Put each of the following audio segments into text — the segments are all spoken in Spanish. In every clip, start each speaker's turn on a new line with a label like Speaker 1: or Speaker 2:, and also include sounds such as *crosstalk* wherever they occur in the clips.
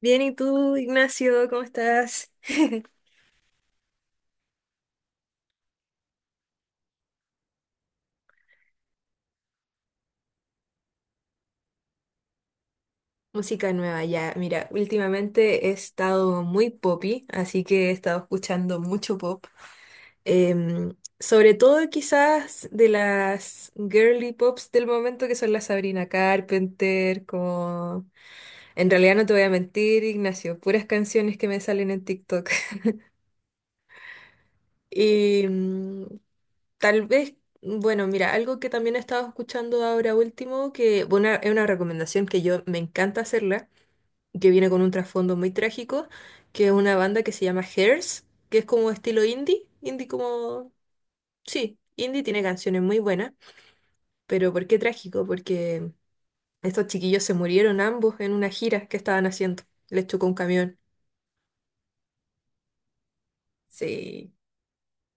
Speaker 1: Bien, ¿y tú, Ignacio? ¿Cómo estás? Música nueva, ya. Mira, últimamente he estado muy poppy, así que he estado escuchando mucho pop. Sobre todo quizás de las girly pops del momento, que son la Sabrina Carpenter, como... En realidad no te voy a mentir, Ignacio, puras canciones que me salen en TikTok. *laughs* Y tal vez... Bueno, mira, algo que también he estado escuchando ahora último, que bueno, es una recomendación que yo me encanta hacerla, que viene con un trasfondo muy trágico, que es una banda que se llama Hairs, que es como estilo indie indie como... Sí, indie tiene canciones muy buenas, pero ¿por qué trágico? Porque estos chiquillos se murieron ambos en una gira que estaban haciendo, les chocó un camión. Sí,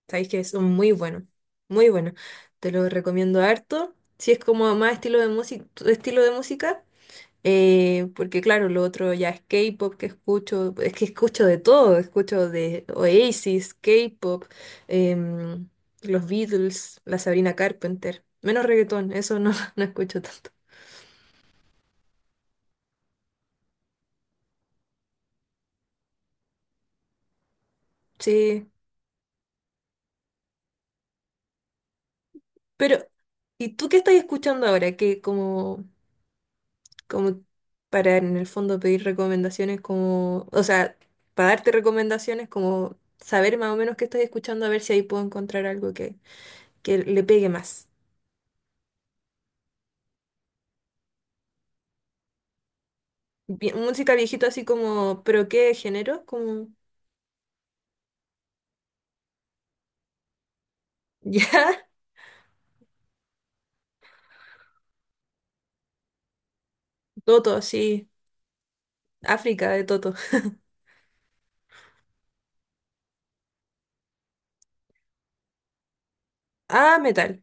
Speaker 1: sabéis que son muy buenos, muy buenos. Te lo recomiendo harto. Si es como más estilo de música, porque claro, lo otro ya es K-pop que escucho, es que escucho de todo, escucho de Oasis, K-pop, em, los Beatles, la Sabrina Carpenter, menos reggaetón, eso no, *laughs* no escucho tanto. Sí, pero ¿y tú qué estás escuchando ahora? Que como, como para en el fondo pedir recomendaciones como, o sea, para darte recomendaciones como saber más o menos qué estás escuchando a ver si ahí puedo encontrar algo que le pegue más. Música viejito así como, ¿pero qué género? Como, *laughs* ¿ya? Toto, sí. África de Toto. Ah, metal.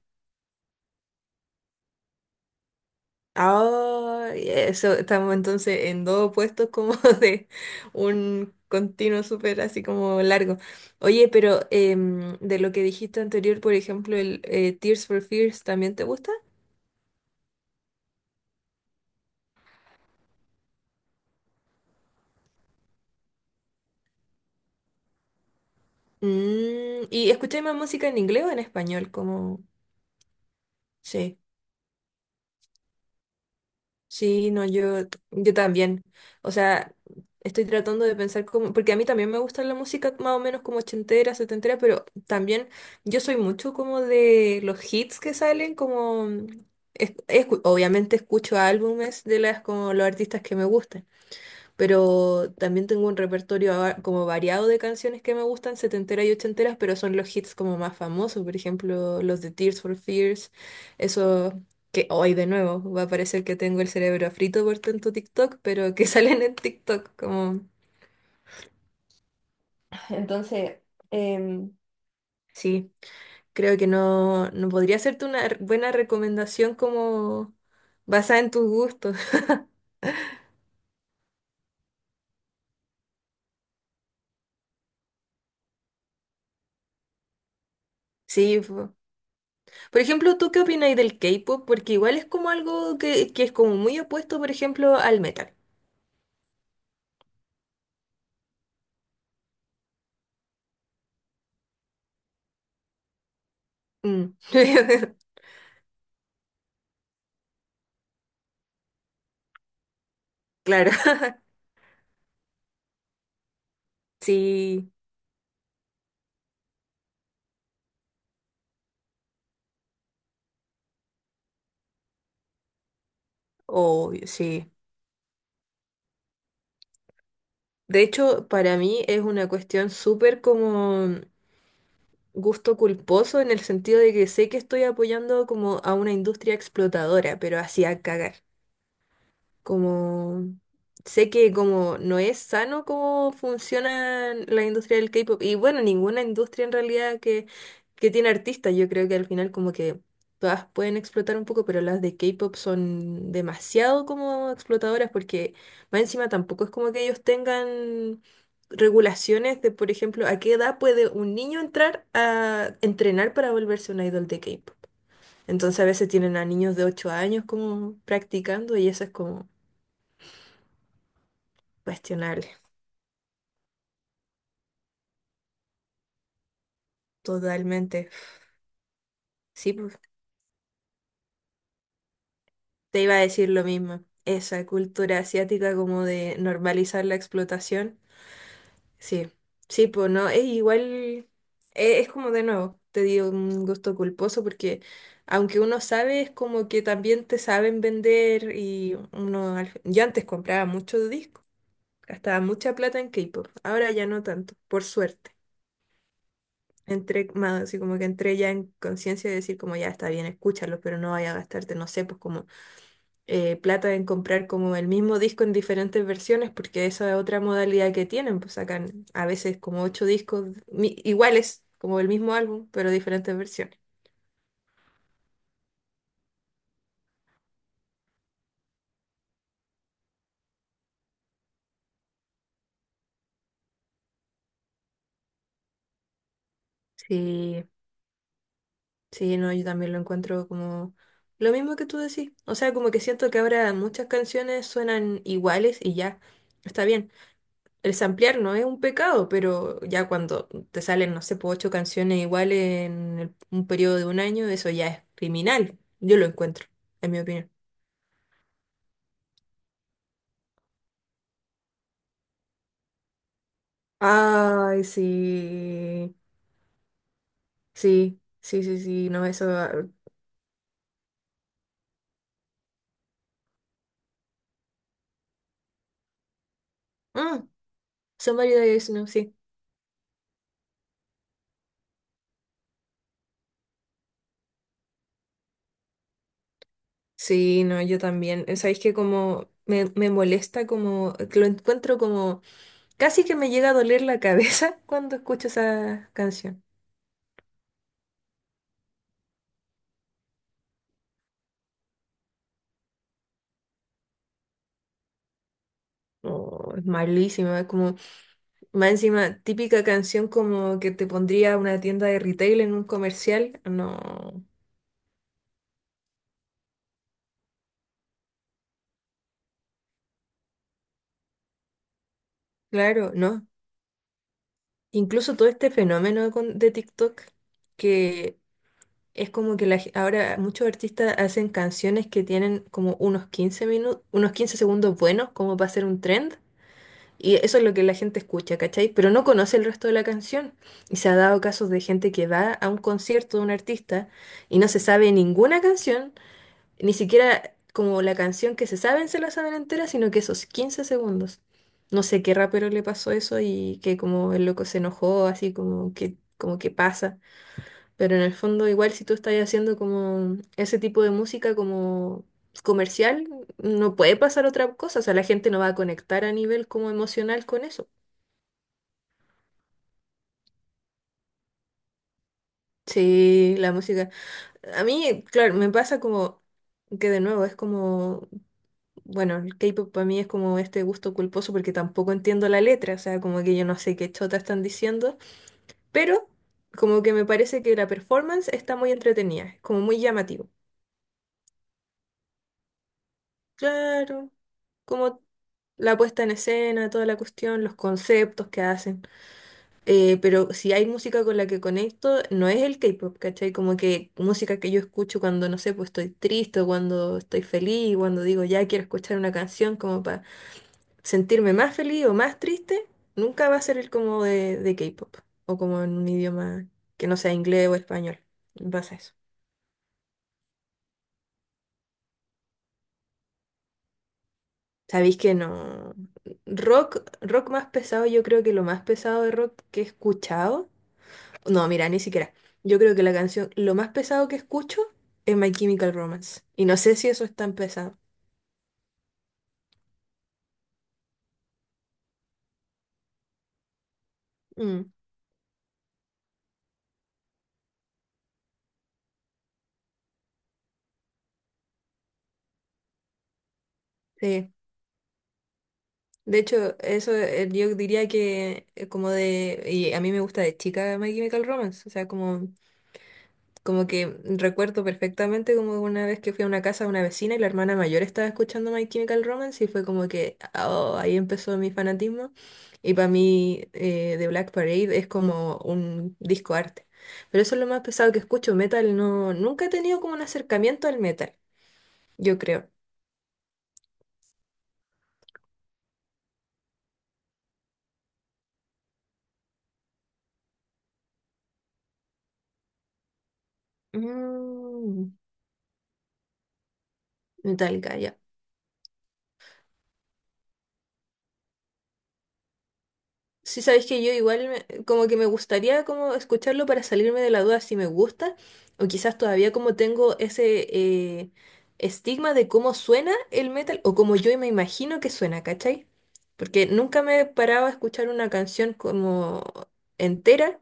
Speaker 1: Ah, eso, estamos entonces en dos opuestos como *laughs* de un continuo súper así como largo. Oye, pero de lo que dijiste anterior, por ejemplo, el Tears for Fears, ¿también te gusta? Mm, ¿y escucháis más música en inglés o en español? Como, sí. Sí, no, yo, también. O sea, estoy tratando de pensar cómo, porque a mí también me gusta la música más o menos como ochentera, setentera, pero también yo soy mucho como de los hits que salen, como, obviamente escucho álbumes de las, como los artistas que me gustan, pero también tengo un repertorio como variado de canciones que me gustan, setenteras y ochenteras, pero son los hits como más famosos, por ejemplo, los de Tears for Fears, eso que hoy de nuevo va a parecer que tengo el cerebro frito por tanto TikTok, pero que *laughs* salen en TikTok como... Entonces, em, sí, creo que no, no podría hacerte una buena recomendación como basada en tus gustos. *laughs* Sí, por ejemplo, ¿tú qué opinas del K-pop? Porque igual es como algo que es como muy opuesto, por ejemplo, al metal. Mm. *laughs* Claro, *laughs* sí, obvio, sí. De hecho, para mí es una cuestión súper como gusto culposo en el sentido de que sé que estoy apoyando como a una industria explotadora, pero así a cagar. Como sé que como no es sano cómo funciona la industria del K-pop y bueno, ninguna industria en realidad que tiene artistas, yo creo que al final como que todas pueden explotar un poco, pero las de K-pop son demasiado como explotadoras porque más encima tampoco es como que ellos tengan regulaciones de, por ejemplo, a qué edad puede un niño entrar a entrenar para volverse un idol de K-pop. Entonces a veces tienen a niños de 8 años como practicando y eso es como cuestionable, totalmente. Sí, pues te iba a decir lo mismo. Esa cultura asiática como de normalizar la explotación. Sí, sí, pues no, es igual, es, como de nuevo, te digo un gusto culposo porque aunque uno sabe, es como que también te saben vender y uno, al yo antes compraba muchos discos, gastaba mucha plata en K-pop, ahora ya no tanto, por suerte. Entré más así como que entré ya en conciencia de decir como ya está bien, escúchalo, pero no vaya a gastarte, no sé, pues como plata en comprar como el mismo disco en diferentes versiones, porque esa es otra modalidad que tienen, pues sacan a veces como ocho discos iguales, como el mismo álbum, pero diferentes versiones. Sí, sí, no, yo también lo encuentro como lo mismo que tú decís. O sea, como que siento que ahora muchas canciones suenan iguales y ya, está bien. El samplear no es un pecado, pero ya cuando te salen, no sé, po, ocho canciones iguales un periodo de un año, eso ya es criminal. Yo lo encuentro, en mi opinión. Ay, sí, sí, sí, sí, sí, no, eso... ah, mm, Somebody That I Know, sí. Sí, no, yo también. Sabéis que como me molesta, como que lo encuentro como... Casi que me llega a doler la cabeza *laughs* cuando escucho esa canción. Oh, es malísima, es como... Más encima, típica canción como que te pondría una tienda de retail en un comercial. No, claro, no. Incluso todo este fenómeno de TikTok, que es como que la ahora muchos artistas hacen canciones que tienen como unos 15 minutos, unos 15 segundos buenos, como para hacer un trend, y eso es lo que la gente escucha, ¿cachai? Pero no conoce el resto de la canción. Y se ha dado casos de gente que va a un concierto de un artista y no se sabe ninguna canción, ni siquiera como la canción que se saben se la saben entera, sino que esos 15 segundos. No sé qué rapero le pasó eso y que como el loco se enojó, así como que pasa. Pero en el fondo, igual si tú estás haciendo como ese tipo de música como comercial, no puede pasar otra cosa. O sea, la gente no va a conectar a nivel como emocional con eso. Sí, la música. A mí, claro, me pasa como que de nuevo es como, bueno, el K-pop para mí es como este gusto culposo porque tampoco entiendo la letra, o sea, como que yo no sé qué chota están diciendo, pero como que me parece que la performance está muy entretenida, como muy llamativo. Claro, como la puesta en escena, toda la cuestión, los conceptos que hacen. Pero si hay música con la que conecto, no es el K-pop, ¿cachai? Como que música que yo escucho cuando, no sé, pues estoy triste o cuando estoy feliz, cuando digo ya quiero escuchar una canción como para sentirme más feliz o más triste, nunca va a ser el como de, K-pop o como en un idioma que no sea inglés o español. Vas a eso. Sabéis que no. Rock, más pesado, yo creo que lo más pesado de rock que he escuchado. No, mira, ni siquiera. Yo creo que la canción, lo más pesado que escucho es My Chemical Romance. Y no sé si eso es tan pesado. Mm, sí. De hecho, eso yo diría que como de. Y a mí me gusta de chica My Chemical Romance. O sea, como. Como que recuerdo perfectamente como una vez que fui a una casa de una vecina y la hermana mayor estaba escuchando My Chemical Romance y fue como que oh, ahí empezó mi fanatismo. Y para mí The Black Parade es como un disco arte. Pero eso es lo más pesado que escucho. Metal no, nunca he tenido como un acercamiento al metal, yo creo. Mm, Metallica, ya. Sí, sabes que yo igual como que me gustaría como escucharlo para salirme de la duda si me gusta o quizás todavía como tengo ese eh, estigma de cómo suena el metal o como yo me imagino que suena, ¿cachai? Porque nunca me paraba a escuchar una canción como entera,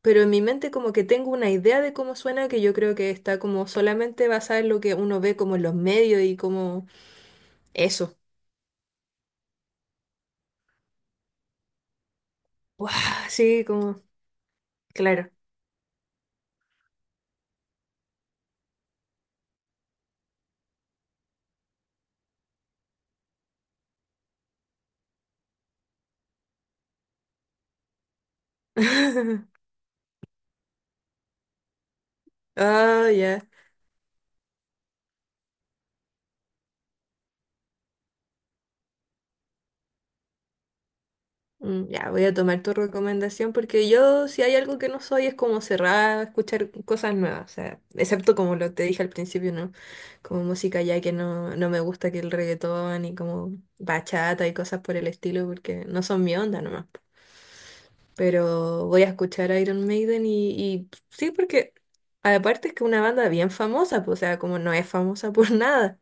Speaker 1: pero en mi mente como que tengo una idea de cómo suena que yo creo que está como solamente basada en lo que uno ve como en los medios y como eso. ¡Wow! Sí, como, claro. *laughs* Ah, ya. Mm, ya, voy a tomar tu recomendación porque yo, si hay algo que no soy, es como cerrada a escuchar cosas nuevas. O sea, excepto como lo te dije al principio, ¿no? Como música ya que no, no me gusta que el reggaetón y como bachata y cosas por el estilo porque no son mi onda nomás. Pero voy a escuchar a Iron Maiden y sí, porque aparte es que una banda bien famosa, pues, o sea, como no es famosa por *laughs* nada.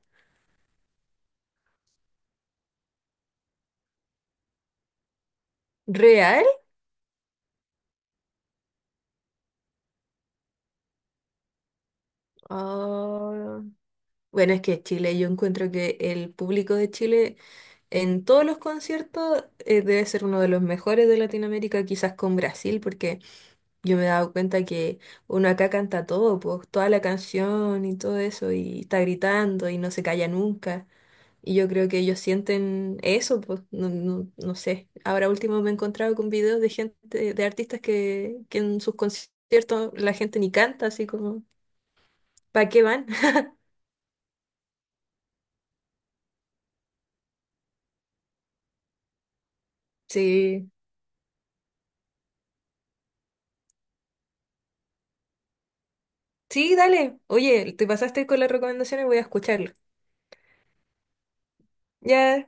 Speaker 1: ¿Real? Oh. Bueno, es que Chile, yo encuentro que el público de Chile en todos los conciertos debe ser uno de los mejores de Latinoamérica, quizás con Brasil, porque yo me he dado cuenta que uno acá canta todo, pues toda la canción y todo eso, y está gritando y no se calla nunca. Y yo creo que ellos sienten eso, pues no, no, no sé. Ahora último me he encontrado con videos de gente, de artistas que en sus conciertos la gente ni canta, así como, ¿para qué van? *laughs* Sí. Sí, dale. Oye, te pasaste con las recomendaciones, voy a escucharlo. Ya,